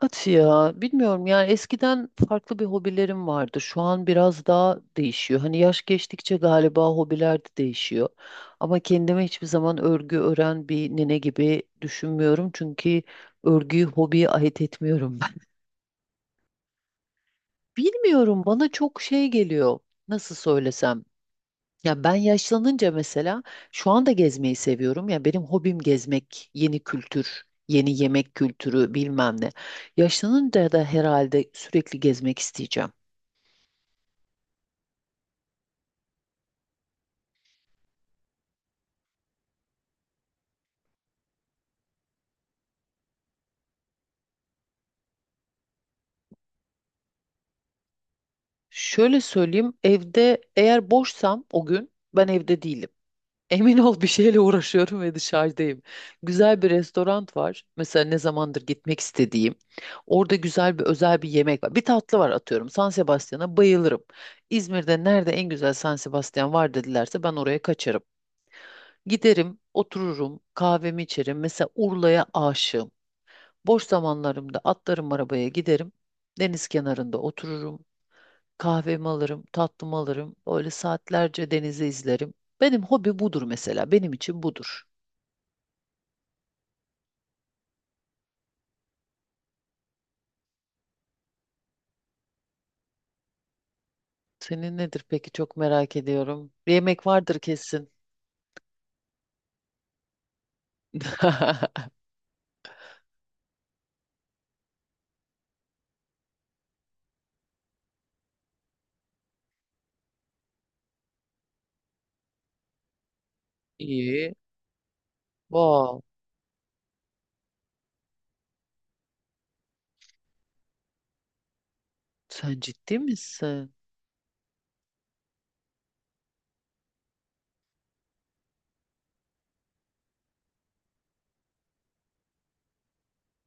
At ya bilmiyorum yani eskiden farklı bir hobilerim vardı. Şu an biraz daha değişiyor. Hani yaş geçtikçe galiba hobiler de değişiyor. Ama kendime hiçbir zaman örgü ören bir nene gibi düşünmüyorum. Çünkü örgüyü hobiye ait etmiyorum ben. Bilmiyorum bana çok şey geliyor. Nasıl söylesem? Ya ben yaşlanınca mesela şu anda gezmeyi seviyorum. Ya benim hobim gezmek, yeni kültür, yeni yemek kültürü bilmem ne. Yaşlanınca da herhalde sürekli gezmek isteyeceğim. Şöyle söyleyeyim, evde eğer boşsam o gün ben evde değilim. Emin ol bir şeyle uğraşıyorum ve dışarıdayım. Güzel bir restoran var. Mesela ne zamandır gitmek istediğim. Orada güzel bir özel bir yemek var. Bir tatlı var atıyorum. San Sebastian'a bayılırım. İzmir'de nerede en güzel San Sebastian var dedilerse ben oraya kaçarım. Giderim, otururum, kahvemi içerim. Mesela Urla'ya aşığım. Boş zamanlarımda atlarım arabaya giderim. Deniz kenarında otururum. Kahvemi alırım, tatlımı alırım. Böyle saatlerce denizi izlerim. Benim hobi budur mesela. Benim için budur. Senin nedir peki çok merak ediyorum. Bir yemek vardır kesin. İyi. Wow. Sen ciddi misin?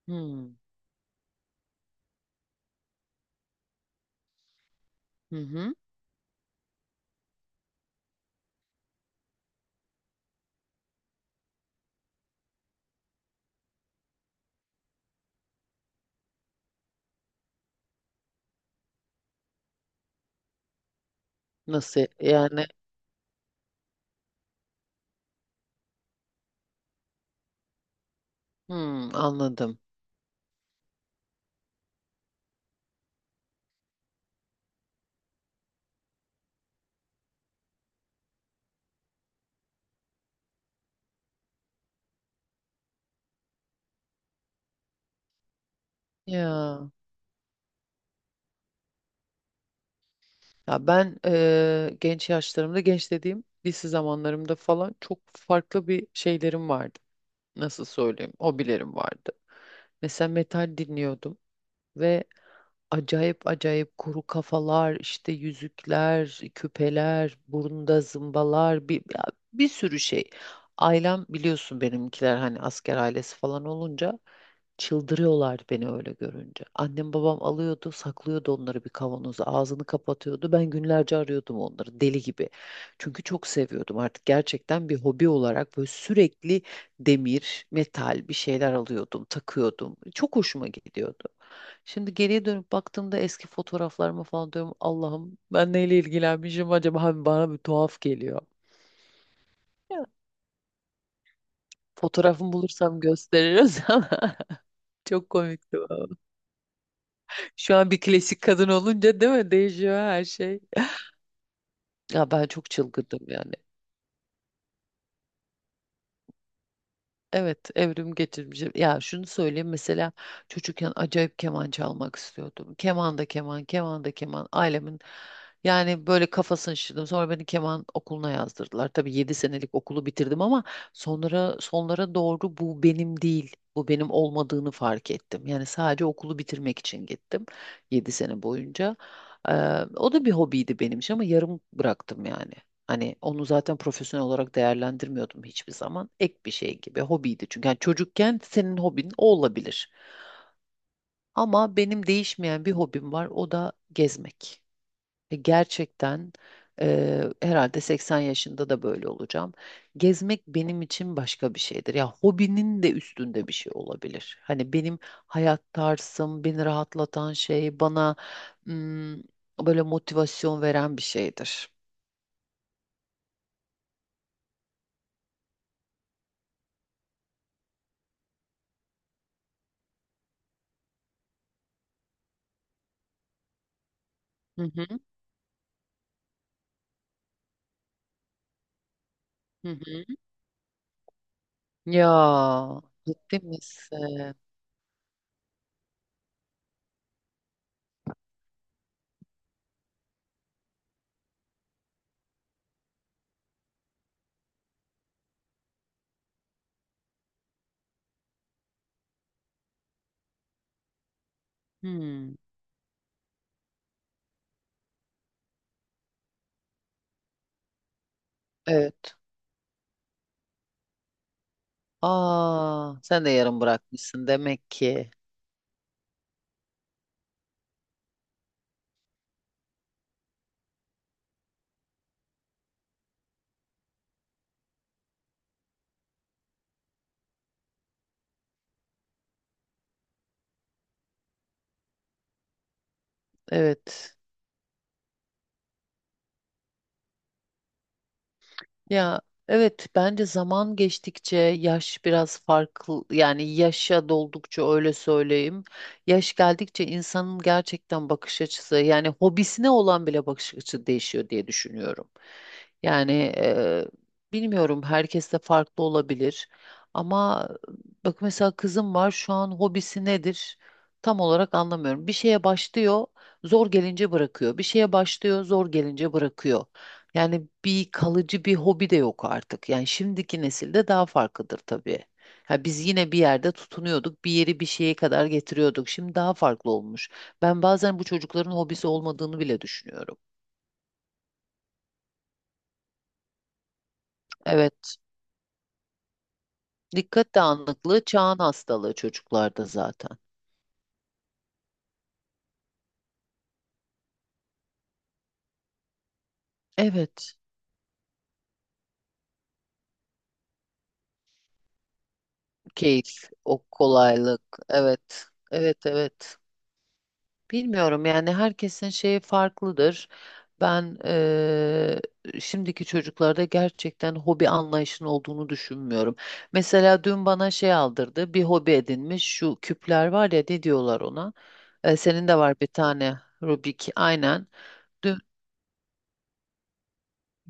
Hmm. Hı hı. Nasıl yani? Hmm, anladım. Ya. Ya ben genç yaşlarımda, genç dediğim lise zamanlarımda falan çok farklı bir şeylerim vardı. Nasıl söyleyeyim? Hobilerim vardı. Mesela metal dinliyordum ve acayip acayip kuru kafalar, işte yüzükler, küpeler, burnunda zımbalar, ya bir sürü şey. Ailem biliyorsun benimkiler hani asker ailesi falan olunca çıldırıyorlardı beni öyle görünce. Annem babam alıyordu, saklıyordu onları bir kavanoza, ağzını kapatıyordu. Ben günlerce arıyordum onları deli gibi. Çünkü çok seviyordum artık gerçekten bir hobi olarak böyle sürekli demir, metal bir şeyler alıyordum, takıyordum. Çok hoşuma gidiyordu. Şimdi geriye dönüp baktığımda eski fotoğraflarıma falan diyorum Allah'ım ben neyle ilgilenmişim acaba. Hani bana bir tuhaf geliyor. Ya, fotoğrafımı bulursam gösteririz ama çok komikti. Valla. Şu an bir klasik kadın olunca değil mi? Değişiyor her şey. Ya ben çok çılgındım yani. Evet, evrim getirmiş. Ya şunu söyleyeyim mesela çocukken acayip keman çalmak istiyordum. Keman da keman, keman da keman. Ailemin yani böyle kafasını şişirdim. Sonra beni keman okuluna yazdırdılar. Tabii 7 senelik okulu bitirdim ama sonra sonlara doğru bu benim değil. Bu benim olmadığını fark ettim. Yani sadece okulu bitirmek için gittim 7 sene boyunca. O da bir hobiydi benim için ama yarım bıraktım yani. Hani onu zaten profesyonel olarak değerlendirmiyordum hiçbir zaman. Ek bir şey gibi hobiydi. Çünkü yani çocukken senin hobin o olabilir. Ama benim değişmeyen bir hobim var. O da gezmek. Ve gerçekten herhalde 80 yaşında da böyle olacağım. Gezmek benim için başka bir şeydir. Ya hobinin de üstünde bir şey olabilir. Hani benim hayat tarzım, beni rahatlatan şey, bana ım, böyle motivasyon veren bir şeydir. Hı hı. Hı hı. Ya ciddi misin? Hmm, evet. Aa, sen de yarım bırakmışsın demek ki. Evet. Ya evet bence zaman geçtikçe yaş biraz farklı yani yaşa doldukça öyle söyleyeyim. Yaş geldikçe insanın gerçekten bakış açısı yani hobisine olan bile bakış açısı değişiyor diye düşünüyorum. Yani bilmiyorum herkes de farklı olabilir ama bak mesela kızım var şu an hobisi nedir tam olarak anlamıyorum. Bir şeye başlıyor zor gelince bırakıyor, bir şeye başlıyor zor gelince bırakıyor. Yani bir kalıcı bir hobi de yok artık. Yani şimdiki nesilde daha farklıdır tabii. Ha biz yine bir yerde tutunuyorduk, bir yeri bir şeye kadar getiriyorduk. Şimdi daha farklı olmuş. Ben bazen bu çocukların hobisi olmadığını bile düşünüyorum. Evet. Dikkat dağınıklığı çağın hastalığı çocuklarda zaten. Evet. Keyif, o kolaylık. Evet. Evet, evet. Bilmiyorum yani herkesin şeyi farklıdır. Ben şimdiki çocuklarda gerçekten hobi anlayışının olduğunu düşünmüyorum. Mesela dün bana şey aldırdı, bir hobi edinmiş. Şu küpler var ya ne diyorlar ona? Senin de var bir tane Rubik, aynen. Dün,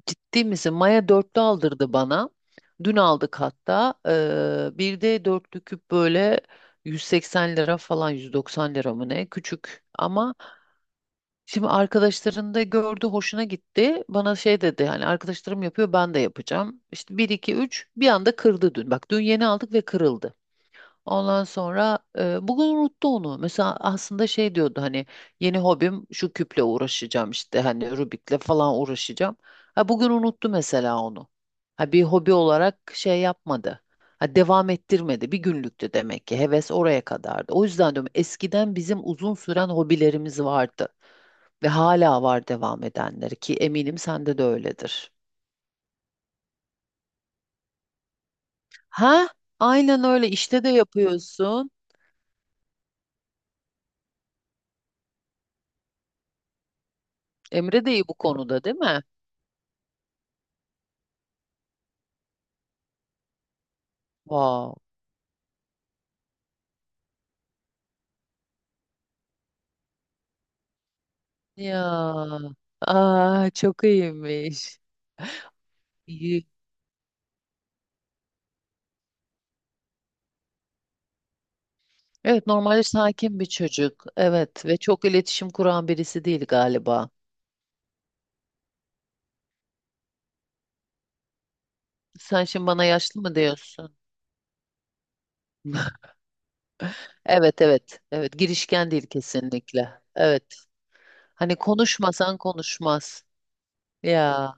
ciddi misin? Maya dörtlü aldırdı bana. Dün aldık hatta. Bir de dörtlü küp böyle 180 lira falan 190 lira mı ne? Küçük ama. Şimdi arkadaşlarında gördü, hoşuna gitti. Bana şey dedi hani arkadaşlarım yapıyor ben de yapacağım. İşte bir 2 3 bir anda kırdı dün. Bak dün yeni aldık ve kırıldı. Ondan sonra bugün unuttu onu. Mesela aslında şey diyordu hani yeni hobim şu küple uğraşacağım işte hani Rubik'le falan uğraşacağım. Ha bugün unuttu mesela onu. Ha bir hobi olarak şey yapmadı. Ha devam ettirmedi. Bir günlüktü demek ki. Heves oraya kadardı. O yüzden diyorum eskiden bizim uzun süren hobilerimiz vardı. Ve hala var devam edenleri ki eminim sende de öyledir. Ha? Aynen öyle işte de yapıyorsun. Emre de iyi bu konuda değil mi? Wow. Ya. Aa, çok iyiymiş. İyi. Evet normalde sakin bir çocuk. Evet ve çok iletişim kuran birisi değil galiba. Sen şimdi bana yaşlı mı diyorsun? Evet evet. Evet girişken değil kesinlikle. Evet. Hani konuşmasan konuşmaz. Ya.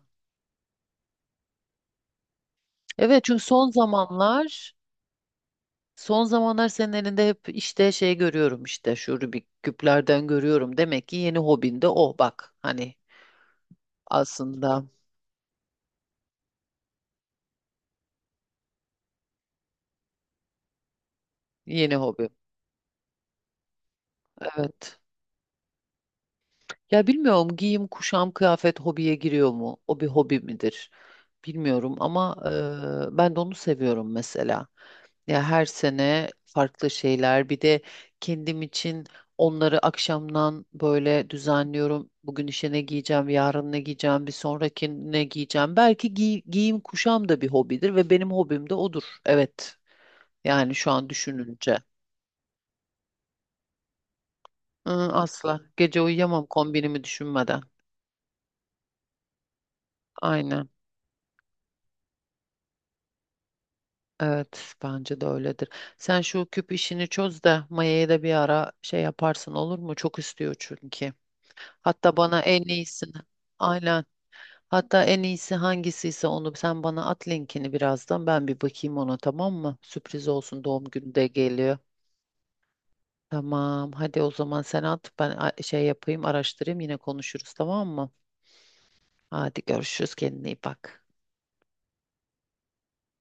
Evet çünkü Son zamanlar senin elinde hep işte şey görüyorum, işte şu Rubik küplerden görüyorum. Demek ki yeni hobin de o bak hani aslında yeni hobi. Evet. Ya bilmiyorum giyim, kuşam, kıyafet hobiye giriyor mu? O bir hobi midir? Bilmiyorum ama ben de onu seviyorum mesela. Ya her sene farklı şeyler. Bir de kendim için onları akşamdan böyle düzenliyorum. Bugün işe ne giyeceğim, yarın ne giyeceğim, bir sonraki ne giyeceğim. Belki giyim kuşam da bir hobidir ve benim hobim de odur. Evet. Yani şu an düşününce. Hı, asla. Gece uyuyamam kombinimi düşünmeden. Aynen. Evet, bence de öyledir. Sen şu küp işini çöz de Maya'ya da bir ara şey yaparsın olur mu? Çok istiyor çünkü. Hatta bana en iyisini. Aynen. Hatta en iyisi hangisiyse onu sen bana at linkini birazdan. Ben bir bakayım ona tamam mı? Sürpriz olsun doğum günü de geliyor. Tamam. Hadi o zaman sen at. Ben şey yapayım araştırayım yine konuşuruz tamam mı? Hadi görüşürüz kendine iyi bak.